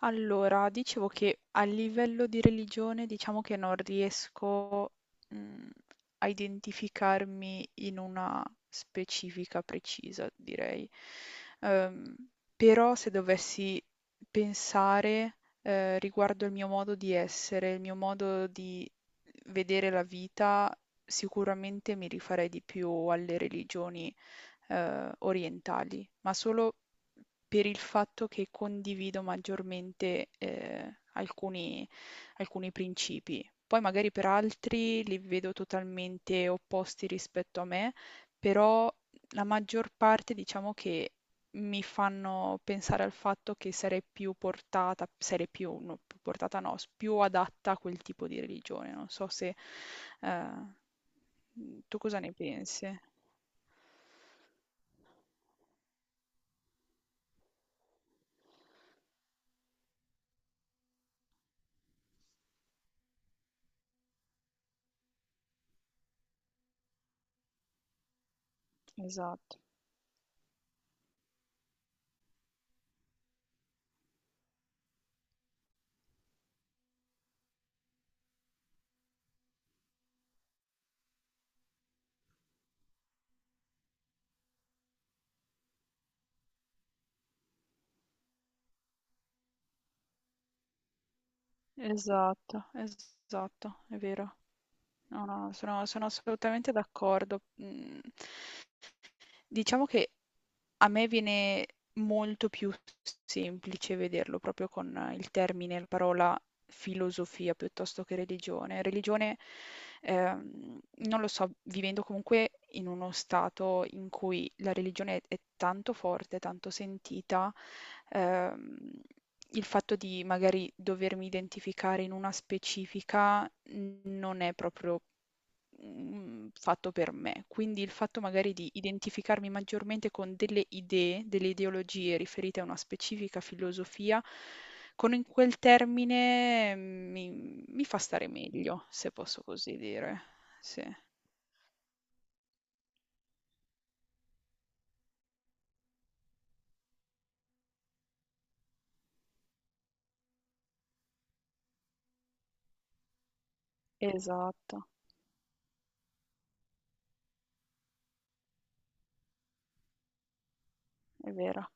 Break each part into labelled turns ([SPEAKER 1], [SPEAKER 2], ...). [SPEAKER 1] Allora, dicevo che a livello di religione diciamo che non riesco, mhmm, a identificarmi in una specifica precisa, direi. Uhm, Però se dovessi pensare, riguardo il mio modo di essere, il mio modo di vedere la vita, sicuramente mi rifarei di più alle religioni, orientali, ma solo per il fatto che condivido maggiormente, alcuni principi. Poi magari per altri li vedo totalmente opposti rispetto a me, però la maggior parte diciamo che mi fanno pensare al fatto che sarei più portata sarei più no, più portata no, s più adatta a quel tipo di religione. Non so se ehm, mhmm, tu cosa ne pensi? Esatto, esatto, è vero. No, no, sono assolutamente d'accordo. Mm. Diciamo che a me viene molto più semplice vederlo proprio con il termine, la parola filosofia piuttosto che religione. Religione, ehm, non lo so, vivendo comunque in uno stato in cui è tanto forte, tanto sentita, ehm, il fatto di magari dovermi identificare in una specifica non è proprio mhmm, fatto per me. Quindi il fatto magari di identificarmi maggiormente con delle idee, delle ideologie riferite a una specifica filosofia, con in quel termine mi fa stare meglio, se posso così dire. Sì. Esatto, è vero.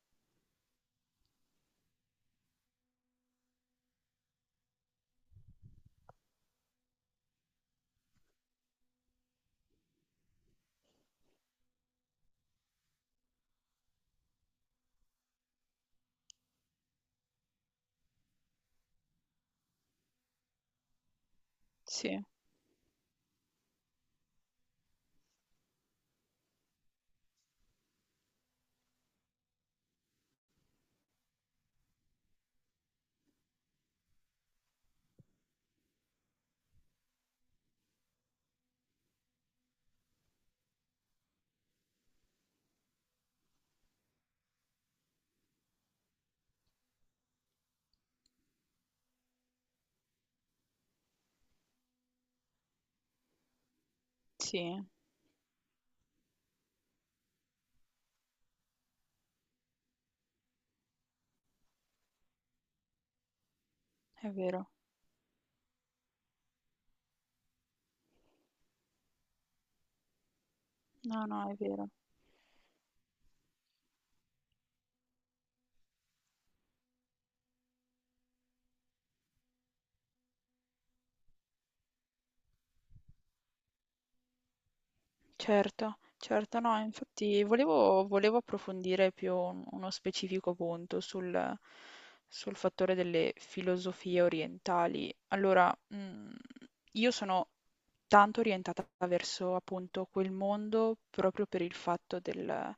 [SPEAKER 1] Sì, sì, è vero. No, no, è vero. Certo, certo, no, infatti volevo approfondire più uno specifico punto sul fattore delle filosofie orientali. Allora, io sono tanto orientata verso appunto quel mondo proprio per il fatto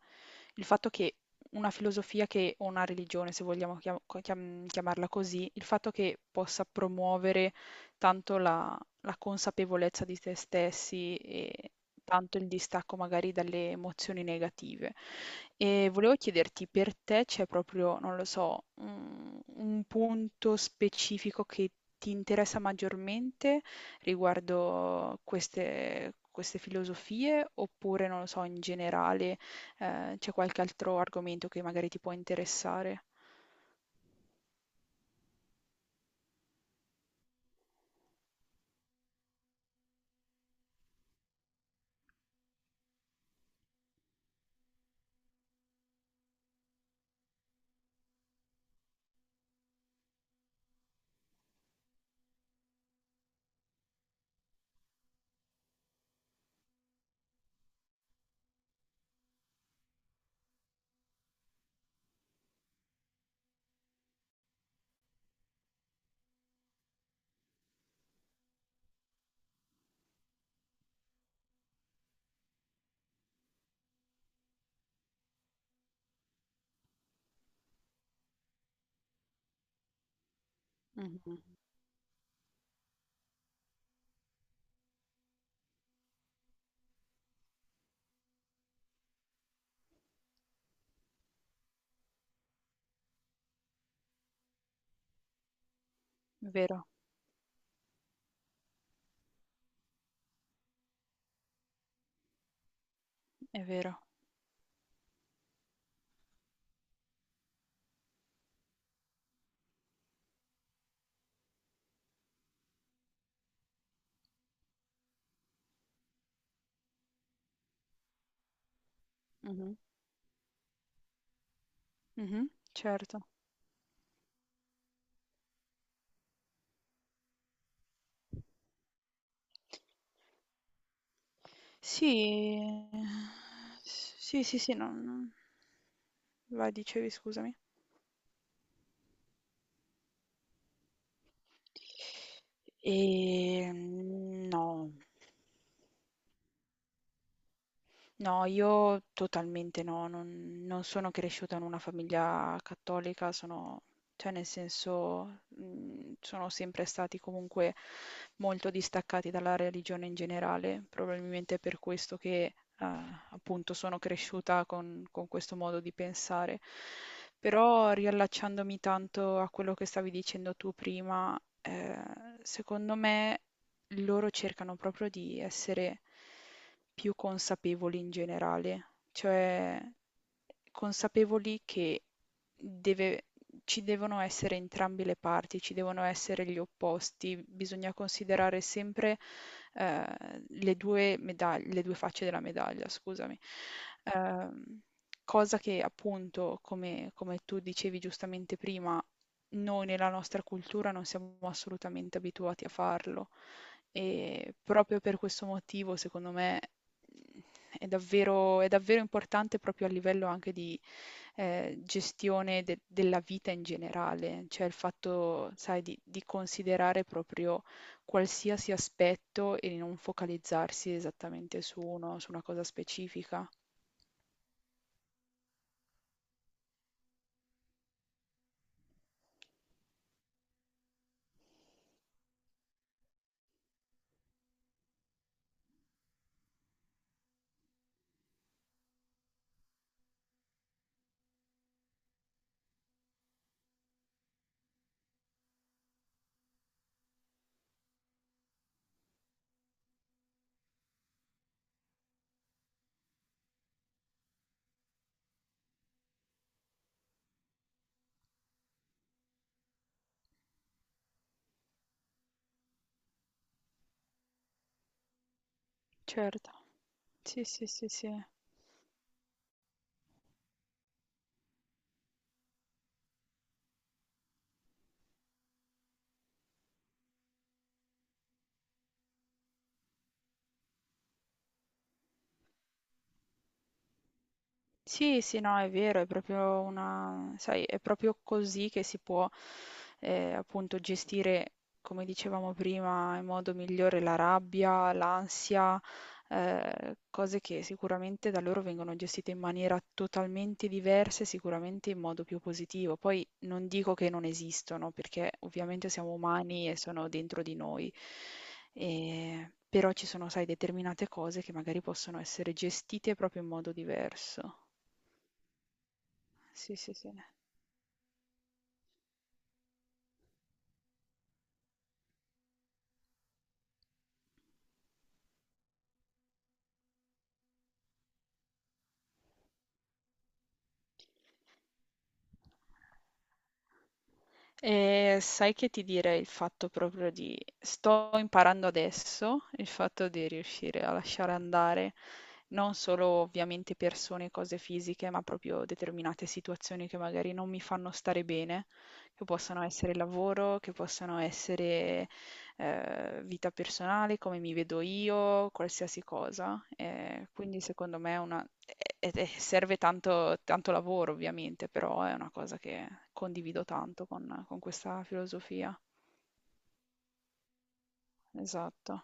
[SPEAKER 1] il fatto che una filosofia che, o una religione, se vogliamo chiamarla così, il fatto che possa promuovere tanto la, la consapevolezza di se stessi tanto il distacco magari dalle emozioni negative. E volevo chiederti, per te c'è proprio, non lo so, un punto specifico che ti interessa maggiormente riguardo queste filosofie, oppure, non lo so, in generale, c'è qualche altro argomento che magari ti può interessare? Mhm. È vero, è vero. Mhm, mhm. Certo. Sì, ehm, s sì, sì, non... Vai, dicevi, scusami. No. No, io totalmente no, non sono cresciuta in una famiglia cattolica, sono, cioè nel senso, sono sempre stati comunque molto distaccati dalla religione in generale, probabilmente è per questo che appunto sono cresciuta con questo modo di pensare. Però riallacciandomi tanto a quello che stavi dicendo tu prima, secondo me loro cercano proprio di essere più consapevoli in generale, cioè consapevoli che deve ci devono essere entrambe le parti, ci devono essere gli opposti, bisogna considerare sempre, le 2 facce della medaglia, scusami. Ehm, cosa che appunto, come tu dicevi giustamente prima, noi nella nostra cultura non siamo assolutamente abituati a farlo e proprio per questo motivo, secondo me, è davvero importante proprio a livello anche gestione de della vita in generale, cioè il fatto, sai, di considerare proprio qualsiasi aspetto e di non focalizzarsi esattamente su una cosa specifica. Certo, sì, sì, sì, sì. Sì, sì, no, è vero, è proprio una, sai, è proprio così che si può appunto gestire, come dicevamo prima, in modo migliore la rabbia, l'ansia, cose che sicuramente da loro vengono gestite in maniera totalmente diversa e sicuramente in modo più positivo. Poi non dico che non esistono, perché ovviamente siamo umani e sono dentro di noi. Però ci sono, sai, determinate cose che magari possono essere gestite proprio in modo diverso. Sì, sì, sì. E sai che ti direi il fatto proprio di sto imparando adesso, il fatto di riuscire a lasciare andare non solo ovviamente persone, cose fisiche, ma proprio determinate situazioni che magari non mi fanno stare bene, che possono essere il lavoro, che possono essere vita personale, come mi vedo io, qualsiasi cosa. Quindi secondo me è una... serve tanto, tanto lavoro ovviamente, però è una cosa che condivido tanto con questa filosofia. Esatto.